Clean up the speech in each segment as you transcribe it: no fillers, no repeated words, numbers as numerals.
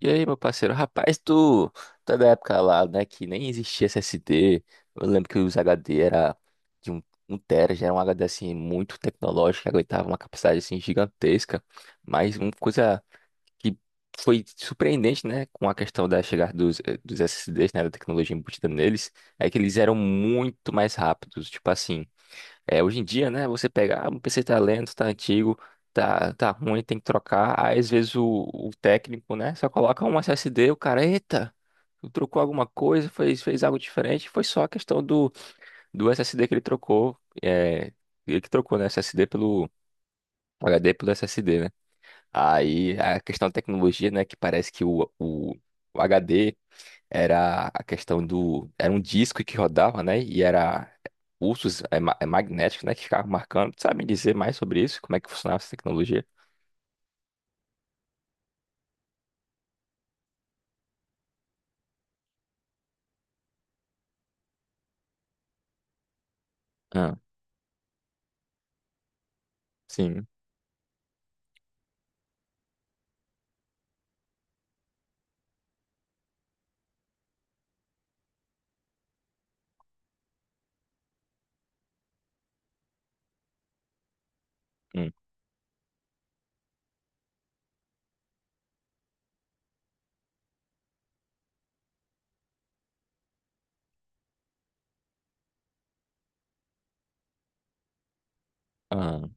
E aí, meu parceiro? Rapaz, tu é da época lá, né, que nem existia SSD. Eu lembro que os HD era de um, um tera, já era um HD, assim, muito tecnológico, que aguentava uma capacidade, assim, gigantesca. Mas uma coisa que foi surpreendente, né, com a questão da chegada dos SSDs, né, da tecnologia embutida neles, é que eles eram muito mais rápidos. Tipo assim, é, hoje em dia, né, você pega, ah, o PC tá lento, tá antigo, tá ruim, tem que trocar. Aí, às vezes, o técnico, né, só coloca um SSD, o cara, eita, trocou alguma coisa, fez algo diferente. Foi só a questão do SSD que ele trocou. É, ele que trocou, né, SSD pelo HD pelo SSD, né? Aí, a questão da tecnologia, né, que parece que o HD era a questão do. Era um disco que rodava, né? E era pulsos magnéticos, né? Que ficavam marcando. Tu sabe me dizer mais sobre isso? Como é que funcionava essa tecnologia? Ah, sim. Hum. Ah,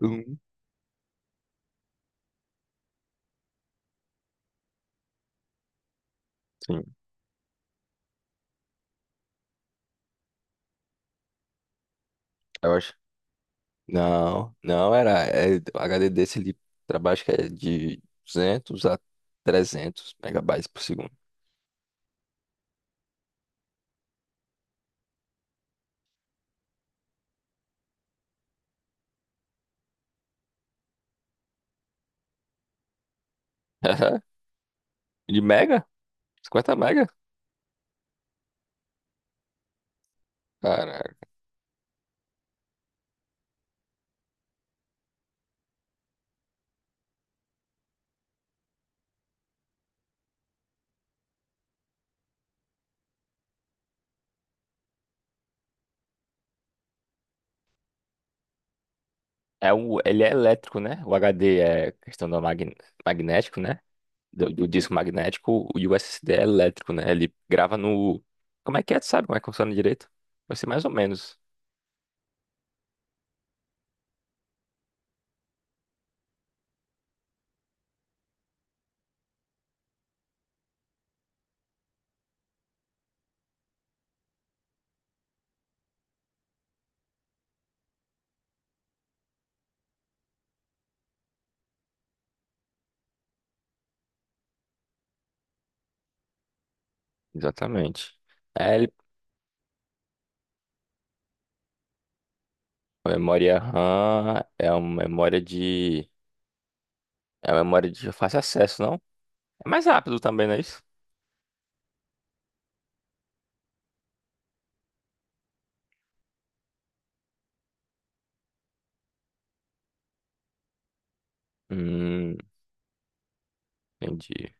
hum, sim. Eu acho. Não, não era. É, o HD desse ele trabalha, acho que é de 200 a 300 megabytes por segundo. De mega? 50 mega? Caraca. É o, ele é elétrico, né? O HD é questão do magnético, né? Do disco magnético, o USD é elétrico, né? Ele grava no. Como é que é? Tu sabe como é que funciona direito? Vai ser mais ou menos. Exatamente. É, ele, a memória RAM é uma memória de. É uma memória de fácil acesso, não? É mais rápido também, não é isso? Hum, entendi.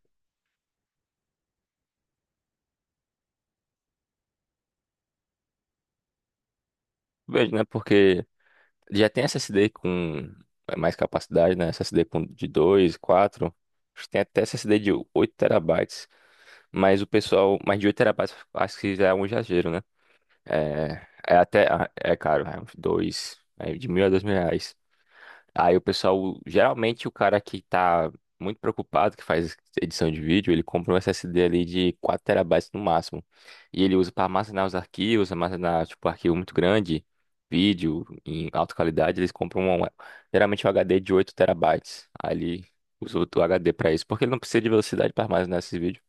Vejo, né? Porque já tem SSD com é mais capacidade, né? SSD com de 2, 4. Acho que tem até SSD de 8 terabytes. Mas o pessoal, mais de 8 terabytes, acho que já é um exagero, né? É, é até, ah, é caro, é uns dois, é de mil a dois mil reais. Aí o pessoal, geralmente o cara que tá muito preocupado, que faz edição de vídeo, ele compra um SSD ali de 4 terabytes no máximo. E ele usa para armazenar os arquivos, armazenar, tipo, arquivo muito grande, vídeo em alta qualidade, eles compram um, geralmente um HD de 8 terabytes. Aí ele usa o HD para isso, porque ele não precisa de velocidade para armazenar esse vídeo.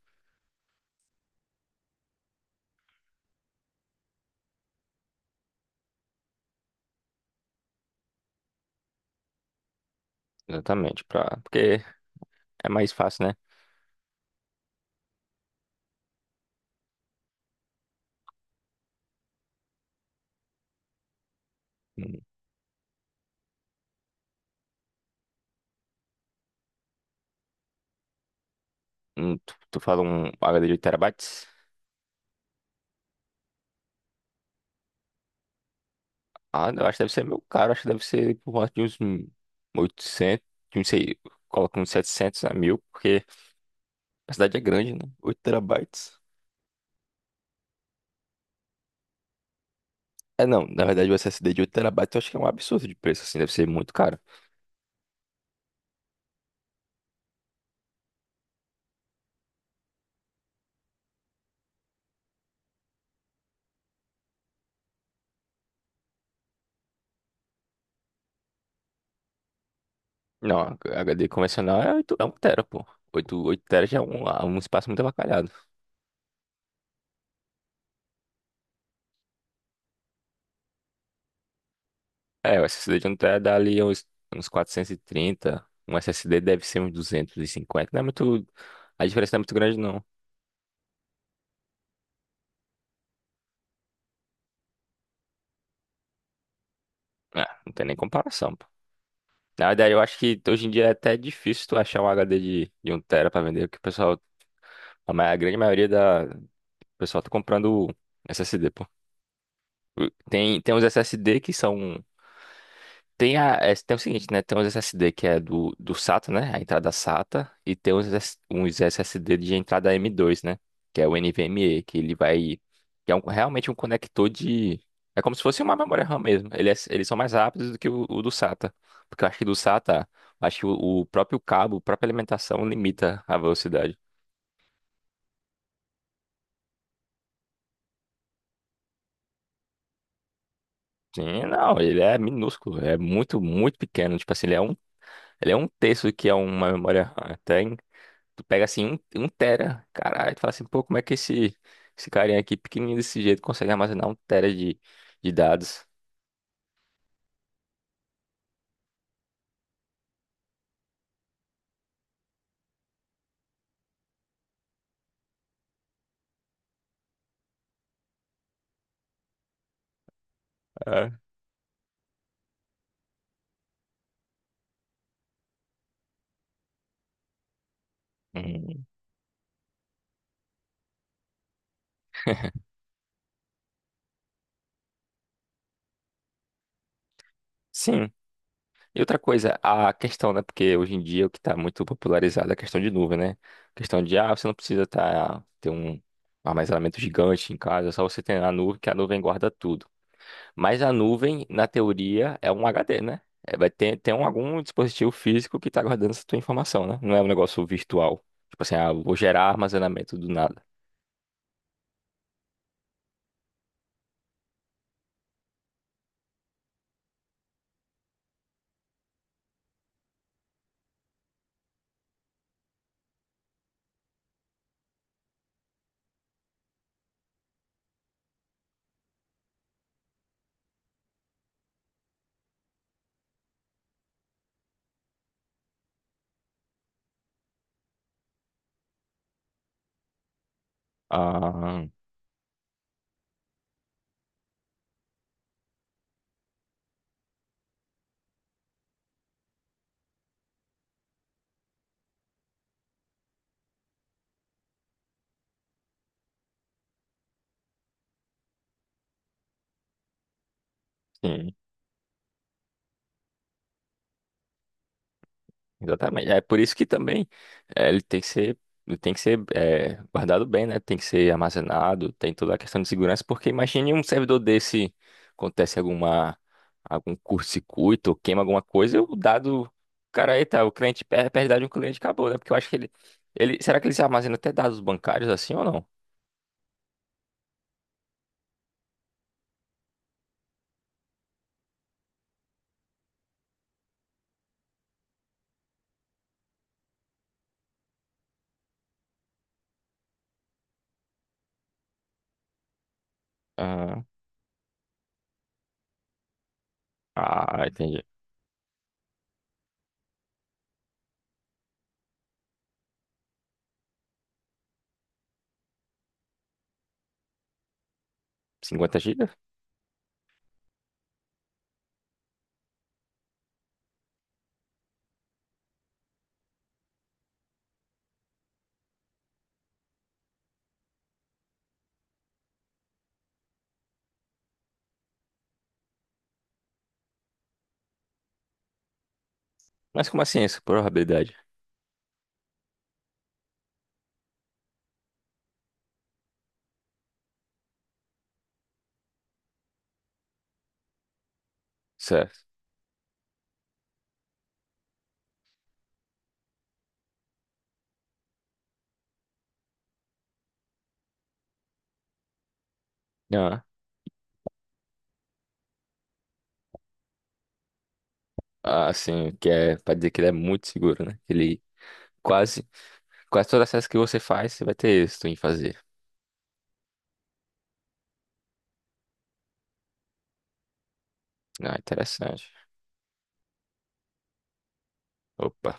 Exatamente, pra, porque é mais fácil, né? Tu fala um HD de 8 terabytes? Ah, eu acho que deve ser meio caro. Acho que deve ser por volta de uns 800, de uns, sei, coloca uns 700 a 1000 porque a cidade é grande, né? 8 terabytes. É, não, na verdade o SSD de 8 terabytes eu acho que é um absurdo de preço, assim, deve ser muito caro. Não, a HD convencional é, 8 é 1 tera, pô. Oito tera já é um, ah, um espaço muito avacalhado. É, o SSD de um tera dá ali uns, uns quatrocentos e trinta, um SSD deve ser uns 250, não é muito. A diferença não é muito grande, não. É, não tem nem comparação, pô. Na verdade, eu acho que hoje em dia é até difícil tu achar um HD de um tera pra vender, porque o pessoal, a grande maioria da o pessoal tá comprando SSD, pô. Tem, tem uns SSD que são tem, a, é, tem o seguinte, né? Tem os SSD que é do SATA, né? A entrada SATA. E tem uns, S- uns SSD de entrada M2, né? Que é o NVMe, que ele vai. Que é um realmente um conector de. É como se fosse uma memória RAM mesmo. Ele é, eles são mais rápidos do que o do SATA. Porque eu acho que do SATA, acho que o próprio cabo, a própria alimentação limita a velocidade. Sim, não, ele é minúsculo, é muito, muito pequeno. Tipo assim, ele é um terço do que é uma memória RAM. Até tu pega assim um tera, caralho, tu fala assim, pô, como é que esse carinha aqui, pequenininho desse jeito, consegue armazenar um tera de dados? É. Hum, sim. E outra coisa, a questão, né? Porque hoje em dia o que está muito popularizado é a questão de nuvem, né? A questão de, ah, você não precisa tá, ter um armazenamento gigante em casa, só você tem a nuvem, que a nuvem guarda tudo. Mas a nuvem, na teoria, é um HD, né? É, vai ter, tem um algum dispositivo físico que está guardando essa tua informação, né? Não é um negócio virtual. Tipo assim, ah, vou gerar armazenamento do nada. Ah, sim. Exatamente. É por isso que também eh, ele tem que ser, ele tem que ser eh, guardado bem, né? Tem que ser armazenado, tem toda a questão de segurança, porque imagine um servidor desse, acontece alguma, algum curto-circuito, ou queima alguma coisa, o dado, cara, aí tá, o cliente perde, perde dado de um cliente, acabou, né? Porque eu acho que ele, será que ele se armazena até dados bancários assim ou não? Ah, ah, entendi. Cinquenta gigas? Mas como assim isso? Probabilidade. Certo. Ah, ah, sim, que é pra dizer que ele é muito seguro, né? Ele quase quase todas as que você faz, você vai ter êxito em fazer. Ah, interessante. Opa.